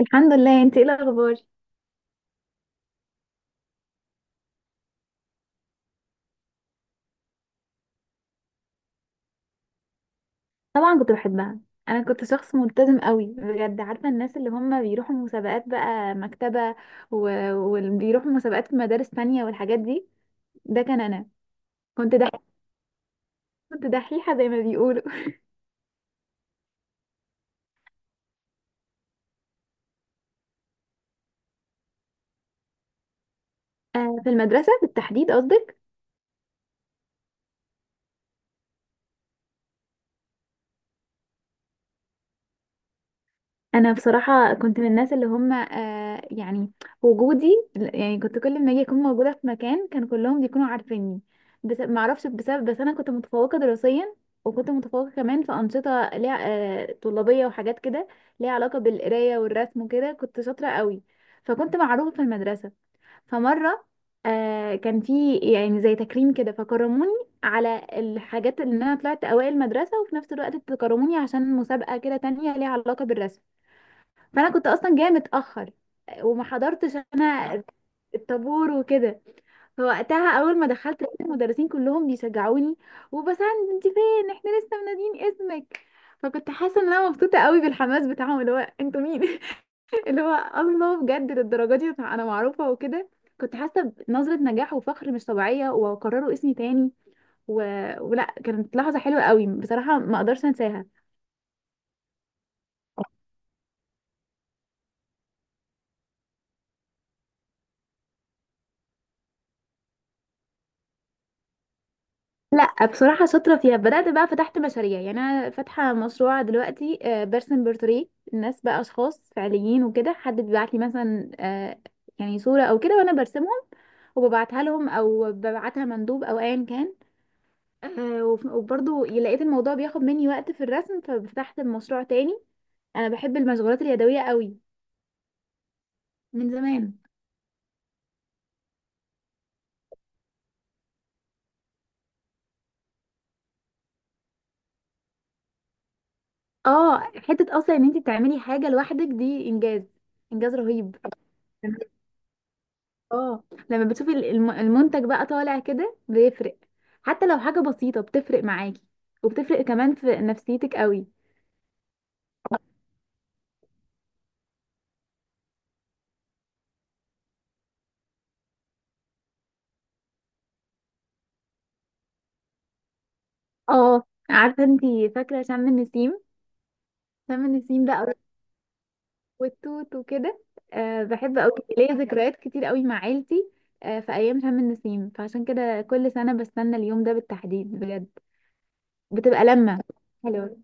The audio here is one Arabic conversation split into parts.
الحمد لله. انت ايه الاخبار؟ طبعا كنت بحبها. انا كنت شخص ملتزم قوي بجد، عارفه الناس اللي هم بيروحوا مسابقات بقى مكتبه وبيروحوا مسابقات في مدارس تانية والحاجات دي. ده كان انا. كنت دحيحه. كنت دحيحه زي ما بيقولوا. آه، في المدرسه بالتحديد قصدك؟ انا بصراحه كنت من الناس اللي هم يعني وجودي، يعني كنت كل ما اجي اكون موجوده في مكان كان كلهم بيكونوا عارفيني، بس ما اعرفش بسبب. بس انا كنت متفوقه دراسيا، وكنت متفوقه كمان في انشطه ليها طلابيه وحاجات كده، ليها علاقه بالقرايه والرسم وكده، كنت شاطره قوي، فكنت معروفه في المدرسه. فمره كان في يعني زي تكريم كده، فكرموني على الحاجات اللي انا طلعت اوائل المدرسه، وفي نفس الوقت تكرموني عشان مسابقه كده تانية ليها علاقه بالرسم. فانا كنت اصلا جايه متاخر، وما حضرتش انا الطابور وكده. فوقتها اول ما دخلت لقيت المدرسين كلهم بيشجعوني وبسند: انت فين؟ احنا لسه منادين اسمك. فكنت حاسه ان انا مبسوطه قوي بالحماس بتاعهم اللي هو انتوا مين؟ اللي هو الله، بجد للدرجه دي انا معروفه وكده. كنت حاسه بنظره نجاح وفخر مش طبيعيه، وقرروا اسمي تاني. و... ولا كانت لحظه حلوه قوي بصراحه، ما اقدرش انساها. لا بصراحة شاطرة فيها، بدأت بقى فتحت مشاريع، يعني أنا فاتحة مشروع دلوقتي برسم بورتريه الناس، بقى أشخاص فعليين وكده، حد بيبعت لي مثلا يعني صورة أو كده وأنا برسمهم، وببعتها لهم أو ببعتها مندوب أو أيا كان. وبرضه لقيت الموضوع بياخد مني وقت في الرسم، ففتحت مشروع تاني. أنا بحب المشغولات اليدوية قوي من زمان. اه، حتة أصلا إن أنت تعملي حاجة لوحدك دي إنجاز. إنجاز رهيب. اه، لما بتشوفي المنتج بقى طالع كده بيفرق، حتى لو حاجة بسيطة بتفرق معاكي، وبتفرق كمان في نفسيتك قوي. اه، عارفة انتي، فاكرة شم النسيم؟ شم النسيم بقى والتوت وكده، أه بحب قوي. ليا ذكريات كتير قوي مع عيلتي. أه في ايام شم النسيم، فعشان كده كل سنة بستنى اليوم ده بالتحديد بجد. بتبقى لمة حلوة.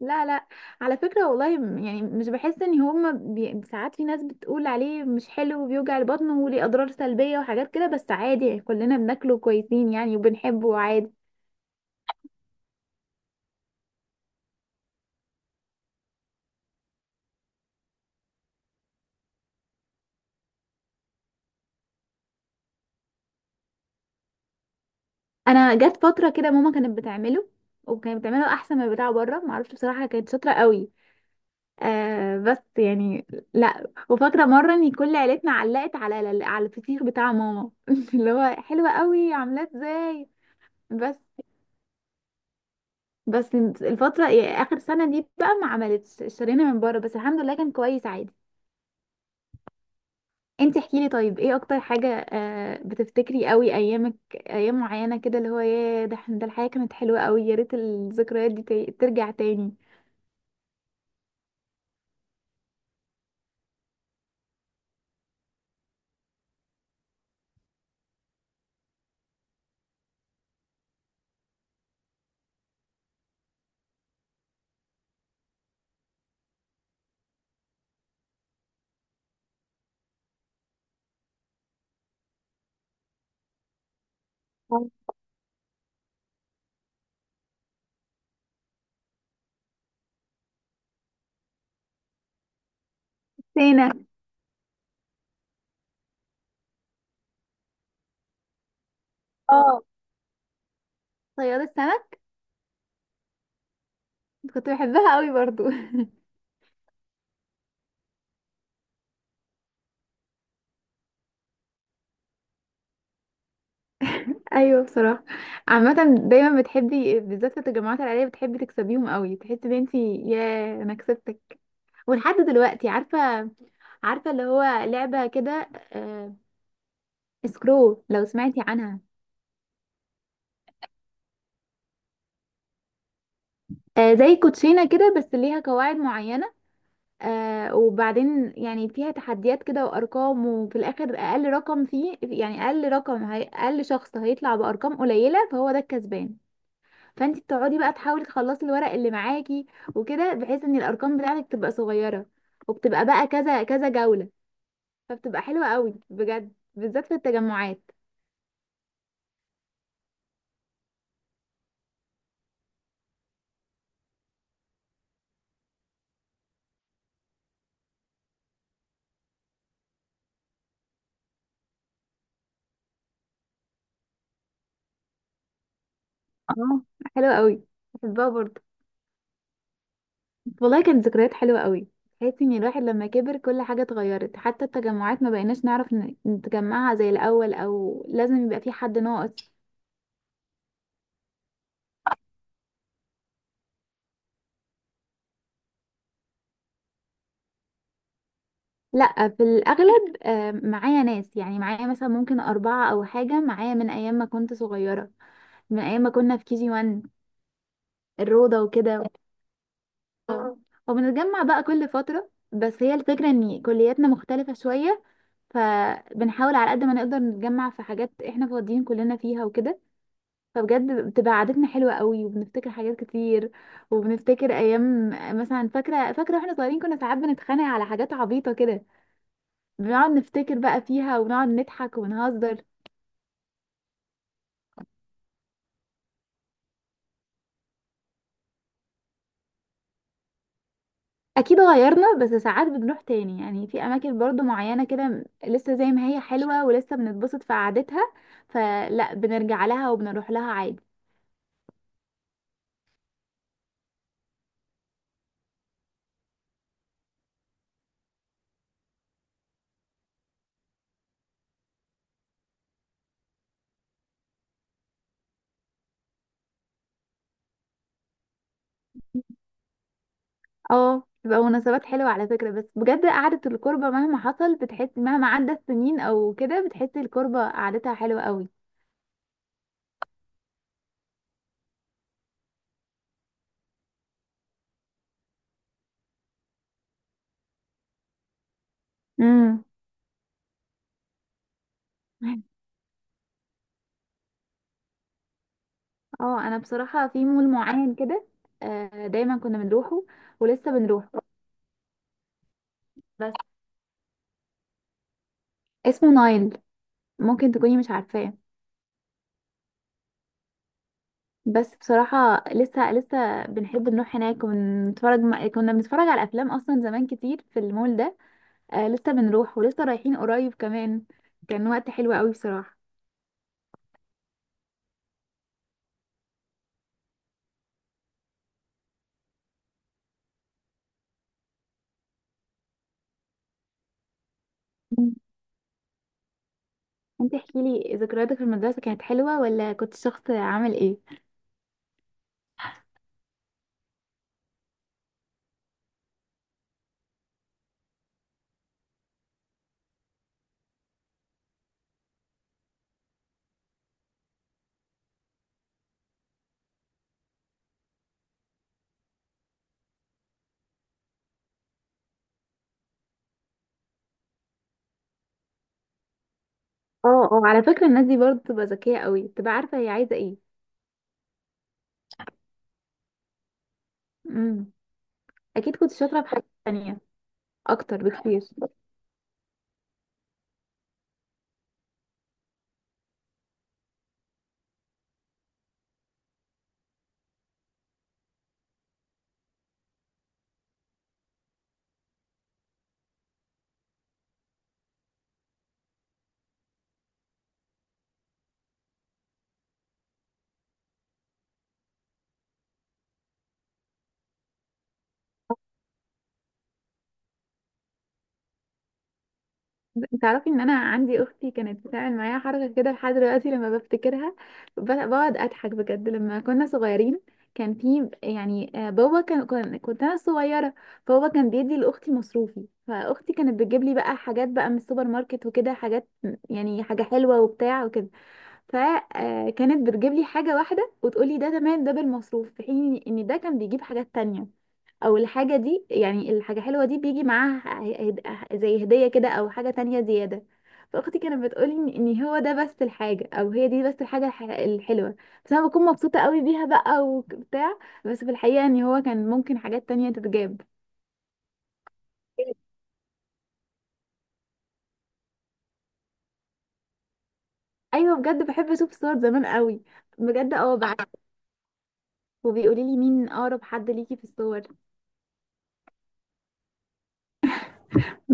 لا، لا، على فكرة والله يعني مش بحس ان هما ساعات في ناس بتقول عليه مش حلو وبيوجع البطن وليه اضرار سلبية وحاجات كده، بس عادي يعني كلنا بناكله كويسين يعني وبنحبه عادي. انا جت فترة كده ماما كانت بتعمله، وكانت بتعمله احسن من بتاع بره، معرفش بصراحة كانت شاطرة قوي. آه بس يعني لا. وفاكرة مرة ان كل عيلتنا علقت على الفسيخ بتاع ماما، اللي هو حلوة قوي عاملاه ازاي. بس بس الفترة يعني آخر سنة دي بقى ما عملتش، اشترينا من بره بس الحمد لله كان كويس عادي. انت احكيلي طيب، ايه اكتر حاجة بتفتكري قوي ايامك ايام معينة كده اللي هو ياه، ده ده الحياة كانت حلوة قوي، يا ريت الذكريات دي ترجع تاني. سينا. اه، صياد السمك. كنت بحبها قوي برضو. ايوه بصراحة. عامة دايما بتحبي بالذات في التجمعات العائلية بتحبي تكسبيهم قوي، تحسي ان انت ياه انا كسبتك. ولحد دلوقتي، عارفة عارفة اللي هو لعبة كده سكرو، لو سمعتي عنها؟ آه، زي كوتشينة كده بس ليها قواعد معينة. وبعدين يعني فيها تحديات كده وأرقام، وفي الآخر أقل رقم فيه يعني أقل رقم، هي أقل شخص هيطلع بأرقام قليلة فهو ده الكسبان. فانتي بتقعدي بقى تحاولي تخلصي الورق اللي معاكي وكده، بحيث ان الأرقام بتاعتك تبقى صغيرة. وبتبقى بقى كذا كذا جولة. فبتبقى حلوة قوي بجد، بالذات في التجمعات. اه حلوة قوي، بحبها برضه. والله كانت ذكريات حلوة قوي. تحسي ان الواحد لما كبر كل حاجة اتغيرت، حتى التجمعات ما بقيناش نعرف نتجمعها زي الأول، او لازم يبقى في حد ناقص. لا، في الأغلب معايا ناس، يعني معايا مثلا ممكن أربعة أو حاجة، معايا من أيام ما كنت صغيرة، من أيام ما كنا في KG1، الروضة وكده. آه. وبنتجمع بقى كل فترة، بس هي الفكرة ان كلياتنا مختلفة شوية، فبنحاول على قد ما نقدر نتجمع في حاجات احنا فاضيين كلنا فيها وكده. فبجد بتبقى قعدتنا حلوة قوي، وبنفتكر حاجات كتير وبنفتكر ايام. مثلا فاكرة فاكرة واحنا صغيرين كنا ساعات بنتخانق على حاجات عبيطة كده، بنقعد نفتكر بقى فيها ونقعد نضحك ونهزر. اكيد غيرنا، بس ساعات بنروح تاني يعني، في اماكن برضو معينة كده لسه زي ما هي حلوة، ولسه بنتبسط في قعدتها، فلا بنرجع لها وبنروح لها عادي. اه بتبقى مناسبات حلوة على فكرة، بس بجد قعدة الكربة مهما حصل بتحس، مهما عدت سنين او كده بتحس الكربة قعدتها حلوة قوي. مم. اه انا بصراحه في مول معين كده، دايما كنا بنروحه ولسه بنروحه. بس اسمه نايل، ممكن تكوني مش عارفاه. بس بصراحه لسه لسه بنحب نروح هناك ونتفرج، كنا بنتفرج على افلام اصلا زمان كتير في المول ده. لسه بنروح ولسه رايحين قريب كمان. كان وقت حلو قوي بصراحه. مم. انت احكي لي ذكرياتك في المدرسه، كانت حلوه ولا كنت شخص عامل ايه؟ اه، اه، على فكره الناس دي برضه بتبقى ذكيه قوي، بتبقى عارفه هي عايزه ايه. امم اكيد كنت شاطره في حاجات تانية اكتر بكتير. انت تعرفي ان انا عندي اختي كانت بتعمل معايا حركه كده لحد دلوقتي، لما بفتكرها بقعد اضحك بجد. لما كنا صغيرين كان في يعني، بابا كنت انا صغيره، فبابا كان بيدي لاختي مصروفي، فاختي كانت بتجيب لي بقى حاجات بقى من السوبر ماركت وكده، حاجات يعني حاجه حلوه وبتاع وكده. فكانت بتجيب لي حاجه واحده وتقول لي ده تمام ده بالمصروف، في حين ان ده كان بيجيب حاجات تانية، او الحاجة دي يعني الحاجة حلوة دي بيجي معاها، هد- زي هدية كده او حاجة تانية زيادة. فاختي كانت بتقولي ان هو ده بس الحاجة، او هي دي بس الحاجة الحلوة. بس انا بكون مبسوطة قوي بيها بقى وبتاع. بس في الحقيقة ان هو كان ممكن حاجات تانية تتجاب. ايوه بجد بحب اشوف صور زمان قوي. بجد اه بعد. وبيقولي لي مين اقرب حد ليكي في الصور.